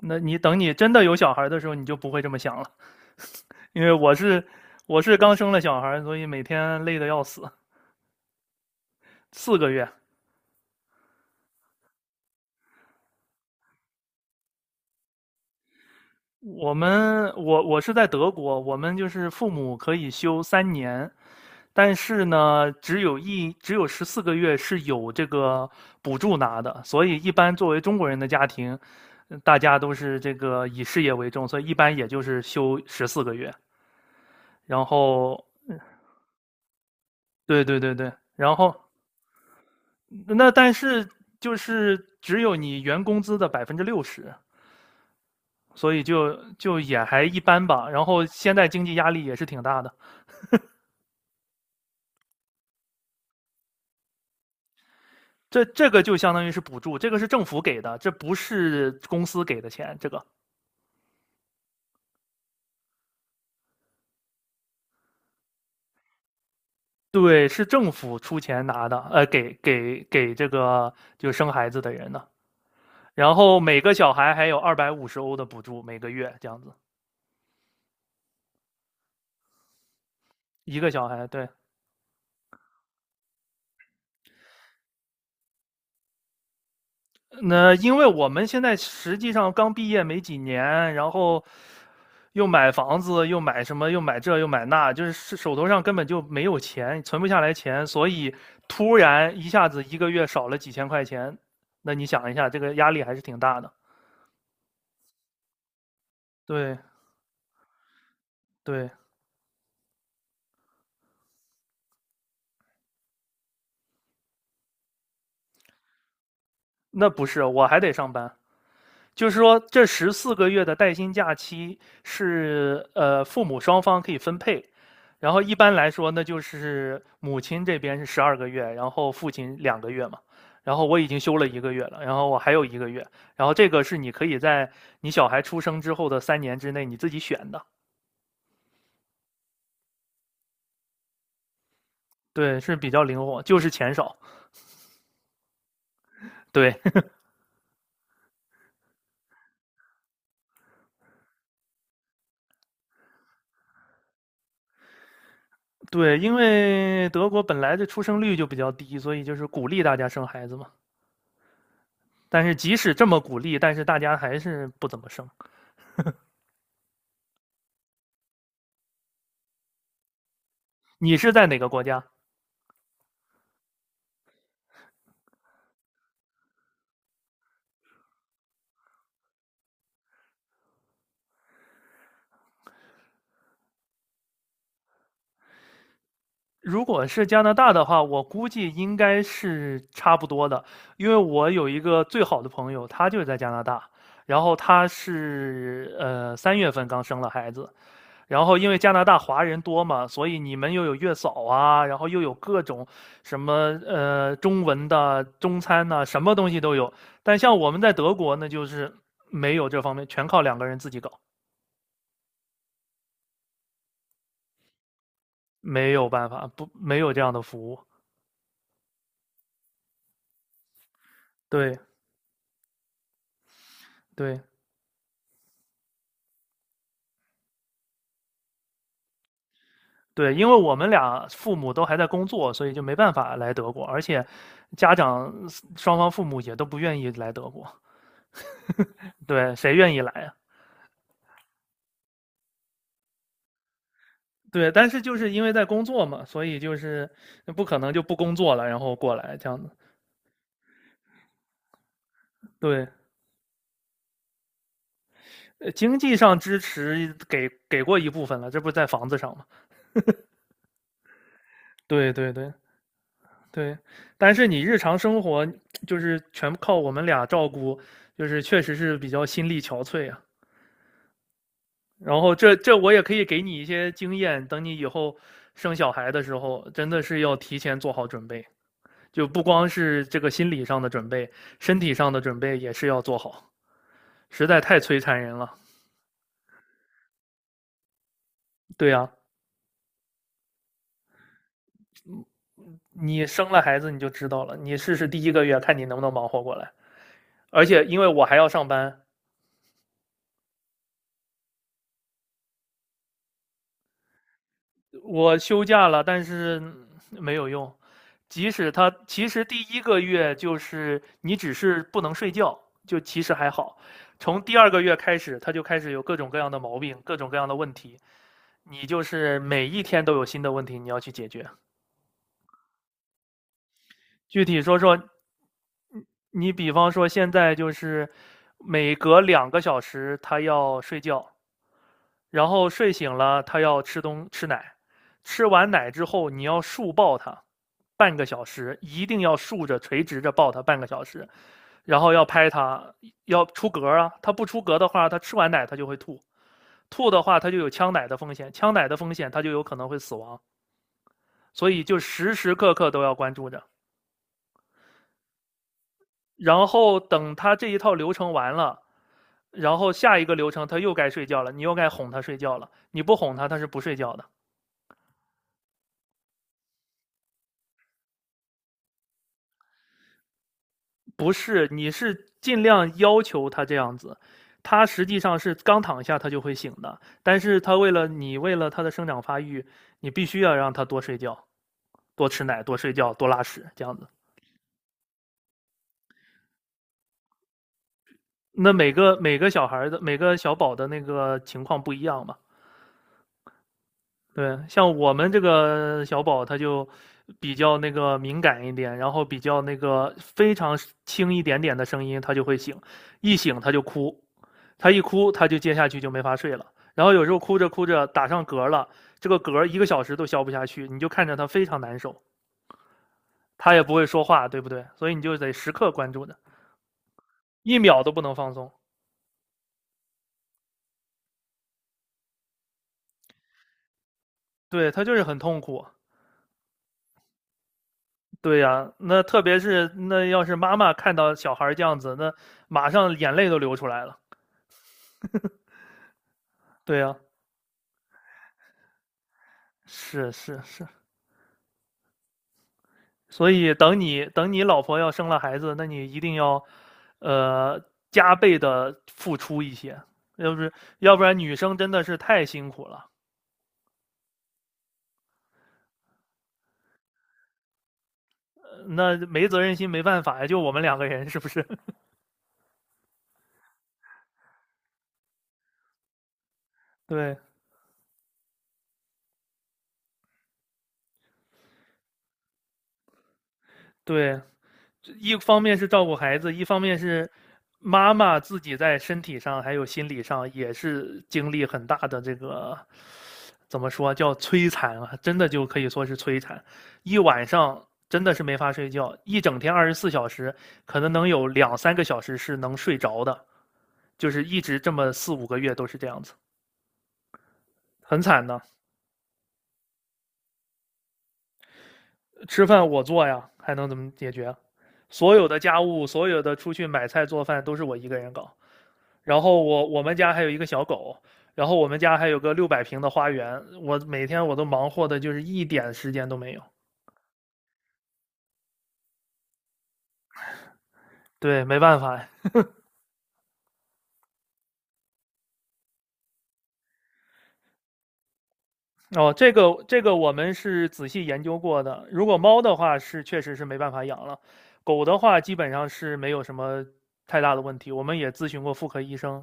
那你等你真的有小孩的时候，你就不会这么想了，因为我是刚生了小孩，所以每天累得要死。四个月，我们我是在德国，我们就是父母可以休三年，但是呢，只有十四个月是有这个补助拿的，所以一般作为中国人的家庭，大家都是这个以事业为重，所以一般也就是休十四个月。然后，对对对对，然后那但是就是只有你原工资的60%，所以就也还一般吧。然后现在经济压力也是挺大的，这个就相当于是补助，这个是政府给的，这不是公司给的钱，这个。对，是政府出钱拿的，给这个就生孩子的人的。然后每个小孩还有250欧的补助，每个月这样子，一个小孩，对，那因为我们现在实际上刚毕业没几年，然后又买房子，又买什么，又买这，又买那，就是是手头上根本就没有钱，存不下来钱，所以突然一下子一个月少了几千块钱，那你想一下，这个压力还是挺大的。对对，那不是，我还得上班。就是说，这十四个月的带薪假期是父母双方可以分配，然后一般来说呢，就是母亲这边是12个月，然后父亲2个月嘛。然后我已经休了一个月了，然后我还有一个月，然后这个是你可以在你小孩出生之后的3年之内你自己选的，对，是比较灵活，就是钱少，对。 对，因为德国本来的出生率就比较低，所以就是鼓励大家生孩子嘛。但是即使这么鼓励，但是大家还是不怎么生。你是在哪个国家？如果是加拿大的话，我估计应该是差不多的，因为我有一个最好的朋友，他就在加拿大，然后他是3月份刚生了孩子，然后因为加拿大华人多嘛，所以你们又有月嫂啊，然后又有各种什么中文的中餐呐、什么东西都有。但像我们在德国，那就是没有这方面，全靠两个人自己搞，没有办法，不，没有这样的服务。对对。对，因为我们俩父母都还在工作，所以就没办法来德国，而且家长双方父母也都不愿意来德国。对，谁愿意来啊？对，但是就是因为在工作嘛，所以就是不可能就不工作了，然后过来这样子。对，经济上支持给过一部分了，这不是在房子上嘛？对对对对，但是你日常生活就是全靠我们俩照顾，就是确实是比较心力憔悴啊。然后这我也可以给你一些经验，等你以后生小孩的时候，真的是要提前做好准备，就不光是这个心理上的准备，身体上的准备也是要做好，实在太摧残人了。对呀，你生了孩子你就知道了，你试试第一个月看你能不能忙活过来。而且因为我还要上班，我休假了，但是没有用。即使他其实第一个月就是你只是不能睡觉，就其实还好。从第二个月开始，他就开始有各种各样的毛病，各种各样的问题。你就是每一天都有新的问题你要去解决。具体说说，你比方说现在就是每隔2个小时他要睡觉，然后睡醒了，他要吃奶，吃完奶之后你要竖抱他，半个小时，一定要竖着垂直着抱他半个小时，然后要拍他，要出嗝啊，他不出嗝的话，他吃完奶他就会吐，吐的话他就有呛奶的风险，呛奶的风险他就有可能会死亡，所以就时时刻刻都要关注着。然后等他这一套流程完了，然后下一个流程他又该睡觉了，你又该哄他睡觉了，你不哄他他是不睡觉的。不是，你是尽量要求他这样子，他实际上是刚躺下他就会醒的，但是他为了你，为了他的生长发育，你必须要让他多睡觉、多吃奶、多睡觉、多拉屎这样子。那每个每个小孩的每个小宝的那个情况不一样嘛？对，像我们这个小宝他就比较那个敏感一点，然后比较那个非常轻一点点的声音他就会醒，一醒他就哭，他一哭他就接下去就没法睡了。然后有时候哭着哭着打上嗝了，这个嗝一个小时都消不下去，你就看着他非常难受，他也不会说话，对不对？所以你就得时刻关注着，一秒都不能放松。对他就是很痛苦。对呀、啊那特别是那要是妈妈看到小孩这样子，那马上眼泪都流出来了。对呀、啊是是是，所以等你老婆要生了孩子，那你一定要，呃，加倍的付出一些，要不是要不然女生真的是太辛苦了，那没责任心没办法呀，就我们两个人是不是？对对，一方面是照顾孩子，一方面是妈妈自己在身体上还有心理上也是经历很大的这个怎么说叫摧残啊，真的就可以说是摧残，一晚上真的是没法睡觉，一整天24小时，可能能有2、3个小时是能睡着的，就是一直这么4、5个月都是这样子，很惨的。吃饭我做呀，还能怎么解决啊？所有的家务，所有的出去买菜做饭都是我一个人搞。然后我们家还有一个小狗，然后我们家还有个600平的花园，我每天忙活的就是一点时间都没有。对，没办法。哦，这个这个我们是仔细研究过的。如果猫的话是确实是没办法养了，狗的话基本上是没有什么太大的问题。我们也咨询过妇科医生，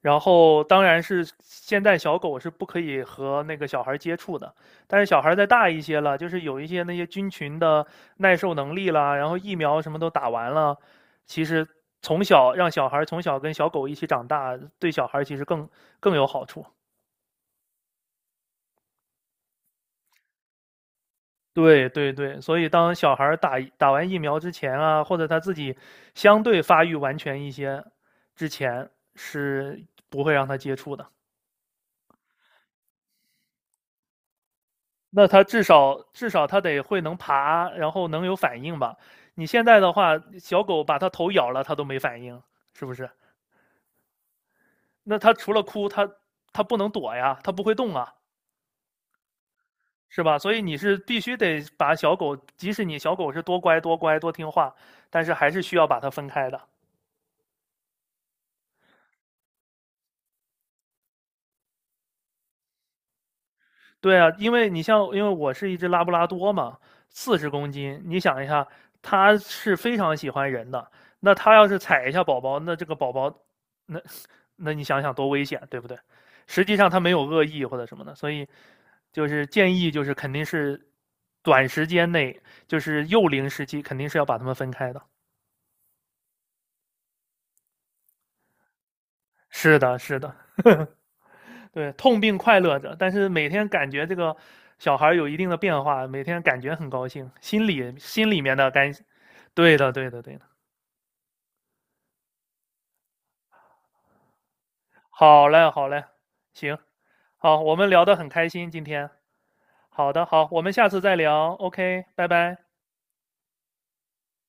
然后当然是现在小狗是不可以和那个小孩接触的，但是小孩再大一些了，就是有一些那些菌群的耐受能力啦，然后疫苗什么都打完了，其实从小让小孩从小跟小狗一起长大，对小孩其实更有好处。对对对，所以当小孩打完疫苗之前啊，或者他自己相对发育完全一些之前，是不会让他接触的。那它至少它得会能爬，然后能有反应吧？你现在的话，小狗把它头咬了，它都没反应，是不是？那它除了哭，它不能躲呀，它不会动啊，是吧？所以你是必须得把小狗，即使你小狗是多乖多乖多听话，但是还是需要把它分开的。对啊，因为你像，因为我是一只拉布拉多嘛，40公斤，你想一下，它是非常喜欢人的。那它要是踩一下宝宝，那这个宝宝，那那你想想多危险，对不对？实际上他没有恶意或者什么的，所以就是建议就是肯定是短时间内就是幼龄时期肯定是要把他们分开的。是的，是的，对，痛并快乐着。但是每天感觉这个小孩有一定的变化，每天感觉很高兴，心里面的感，对的，对的，对的。好嘞，好嘞，行，好，我们聊得很开心今天。好的，好，我们下次再聊。OK，拜拜。